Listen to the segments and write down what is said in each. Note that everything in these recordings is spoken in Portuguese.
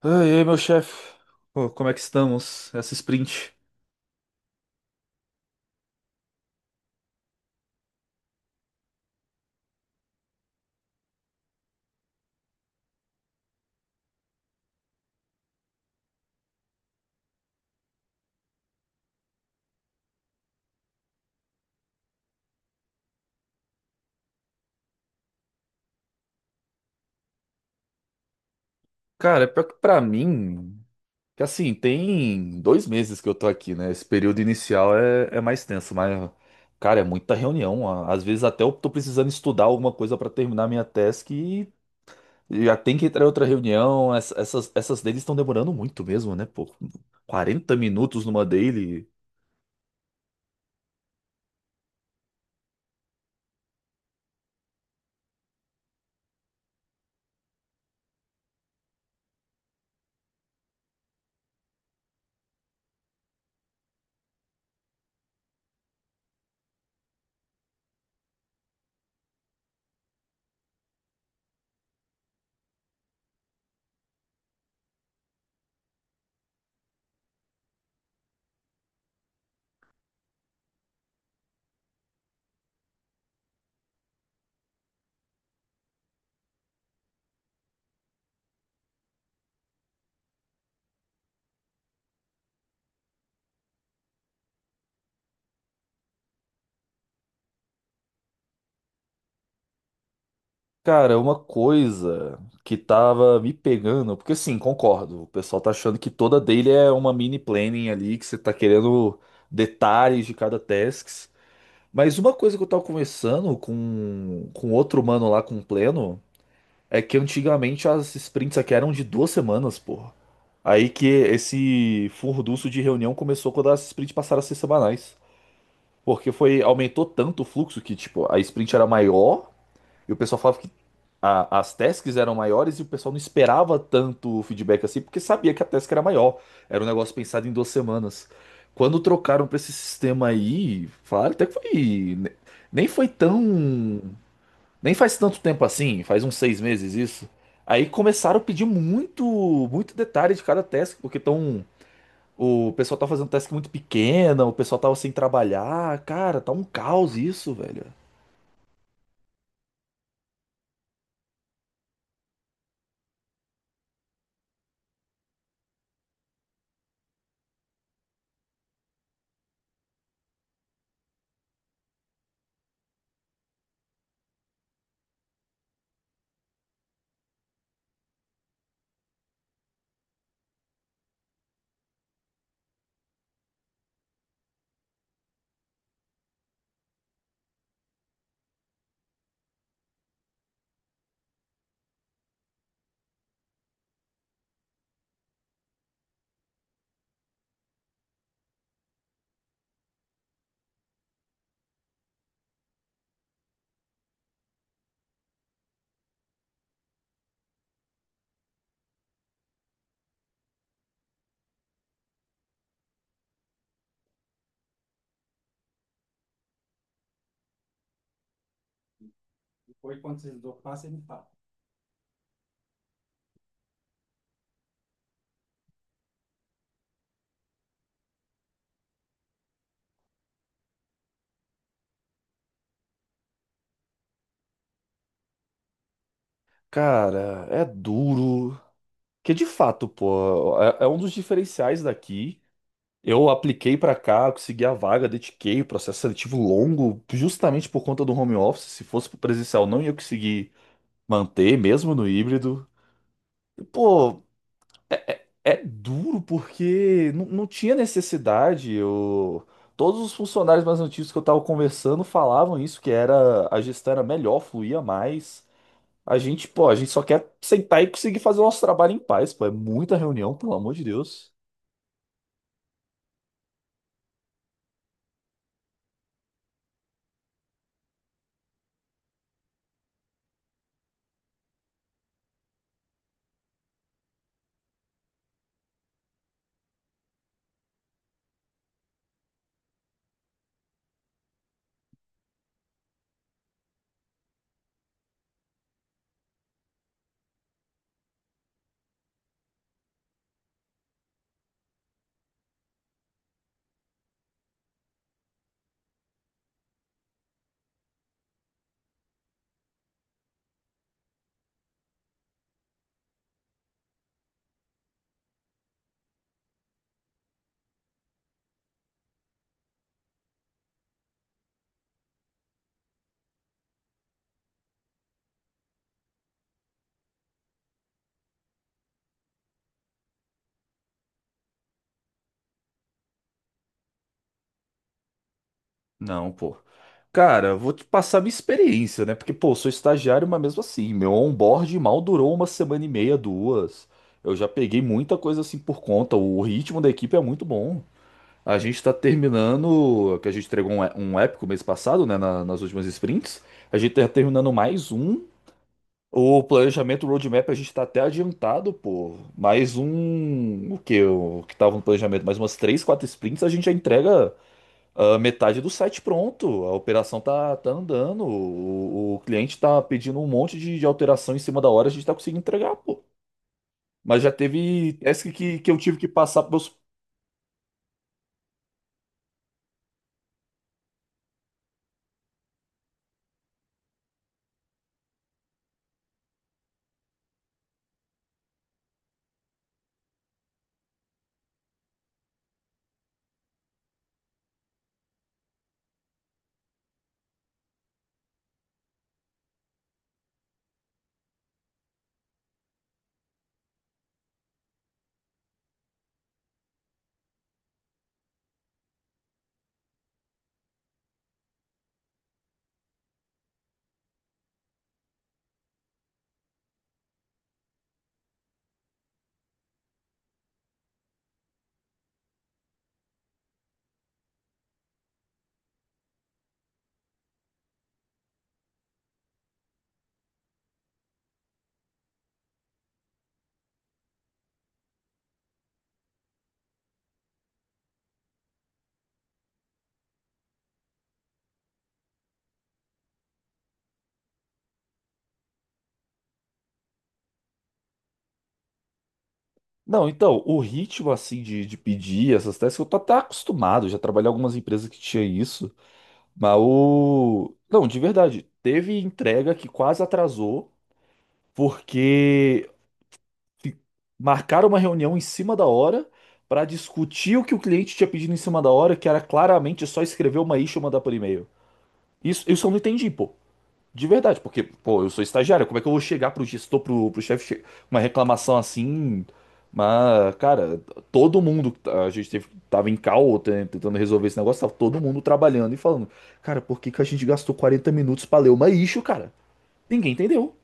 Ah, e aí, meu chefe? Pô, como é que estamos? Essa sprint. Cara, pior que pra mim, que assim, tem 2 meses que eu tô aqui, né? Esse período inicial é mais tenso, mas, cara, é muita reunião. Às vezes até eu tô precisando estudar alguma coisa pra terminar minha task e já tem que entrar em outra reunião. Essas dailies estão demorando muito mesmo, né? Pô, 40 minutos numa daily. Cara, uma coisa que tava me pegando, porque assim, concordo, o pessoal tá achando que toda dele é uma mini planning ali, que você tá querendo detalhes de cada task. Mas uma coisa que eu tava conversando com outro mano lá, com o Pleno, é que antigamente as sprints aqui eram de 2 semanas, porra. Aí que esse furdunço de reunião começou quando as sprints passaram a ser semanais. Porque foi, aumentou tanto o fluxo que, tipo, a sprint era maior e o pessoal falava que as tasks eram maiores e o pessoal não esperava tanto o feedback assim, porque sabia que a task era maior. Era um negócio pensado em 2 semanas. Quando trocaram pra esse sistema aí, falaram até que foi. Nem foi tão. Nem faz tanto tempo assim, faz uns 6 meses isso. Aí começaram a pedir muito, muito detalhe de cada task, porque tão. O pessoal tá fazendo task muito pequena, o pessoal tava sem trabalhar. Cara, tá um caos isso, velho. Cara, é duro. Que de fato, pô, é um dos diferenciais daqui. Eu apliquei pra cá, consegui a vaga, dediquei o processo seletivo longo, justamente por conta do home office. Se fosse pro presencial, não ia conseguir manter, mesmo no híbrido. E, pô, é duro porque não, não tinha necessidade. Eu... Todos os funcionários mais antigos que eu tava conversando falavam isso, que era a gestão era melhor, fluía mais. A gente, pô, a gente só quer sentar e conseguir fazer o nosso trabalho em paz, pô. É muita reunião, pelo amor de Deus. Não, pô. Cara, vou te passar minha experiência, né? Porque, pô, sou estagiário, mas mesmo assim, meu onboard mal durou uma semana e meia, duas. Eu já peguei muita coisa assim por conta. O ritmo da equipe é muito bom. A gente tá terminando, que a gente entregou um, um épico mês passado, né? Nas últimas sprints. A gente tá terminando mais um. O planejamento roadmap a gente tá até adiantado, pô. Mais um. O que? O que tava no planejamento? Mais umas três, quatro sprints, a gente já entrega. Ah, metade do site pronto, a operação tá andando, o cliente tá pedindo um monte de alteração em cima da hora, a gente tá conseguindo entregar, pô. Mas já teve task que eu tive que passar pros meus. Não, então, o ritmo assim de pedir essas tasks, eu tô até acostumado, já trabalhei em algumas empresas que tinha isso, mas o. Não, de verdade, teve entrega que quase atrasou, porque fi- marcaram uma reunião em cima da hora para discutir o que o cliente tinha pedido em cima da hora, que era claramente só escrever uma issue e mandar por e-mail. Isso eu não entendi, pô. De verdade, porque, pô, eu sou estagiário, como é que eu vou chegar pro gestor, pro chefe, uma reclamação assim? Mas, cara, todo mundo, a gente teve, tava em call tentando resolver esse negócio, tava todo mundo trabalhando e falando, cara, por que que a gente gastou 40 minutos pra ler uma issue, cara? Ninguém entendeu.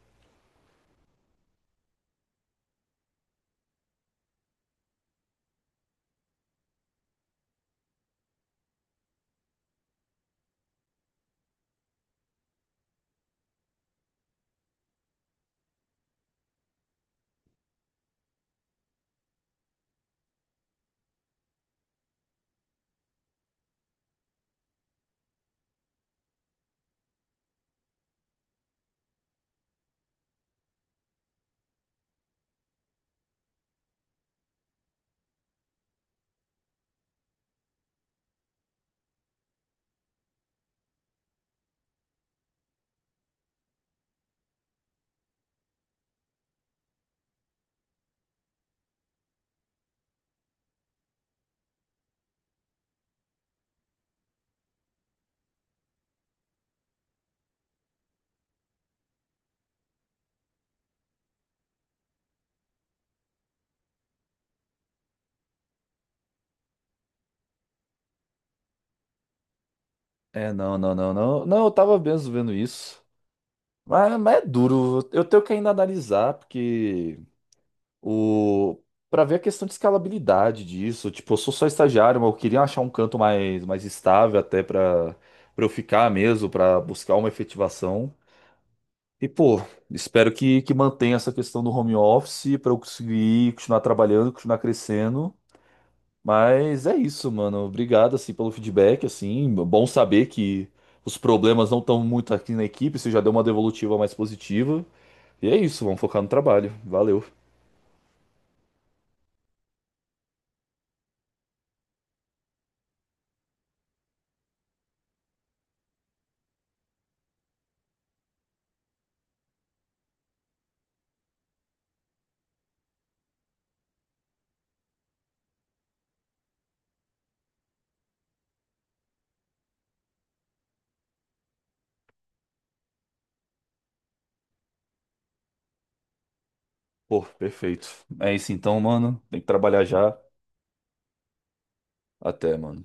É, não, não, não, não. Não, eu tava mesmo vendo isso. Mas é duro. Eu tenho que ainda analisar, porque o. Pra ver a questão de escalabilidade disso. Tipo, eu sou só estagiário, mas eu queria achar um canto mais, mais estável até pra, pra eu ficar mesmo, pra buscar uma efetivação. E, pô, espero que mantenha essa questão do home office pra eu conseguir continuar trabalhando, continuar crescendo. Mas é isso, mano. Obrigado, assim, pelo feedback, assim. Bom saber que os problemas não estão muito aqui na equipe, você já deu uma devolutiva mais positiva. E é isso, vamos focar no trabalho. Valeu. Pô, perfeito. É isso então, mano. Tem que trabalhar já. Até, mano.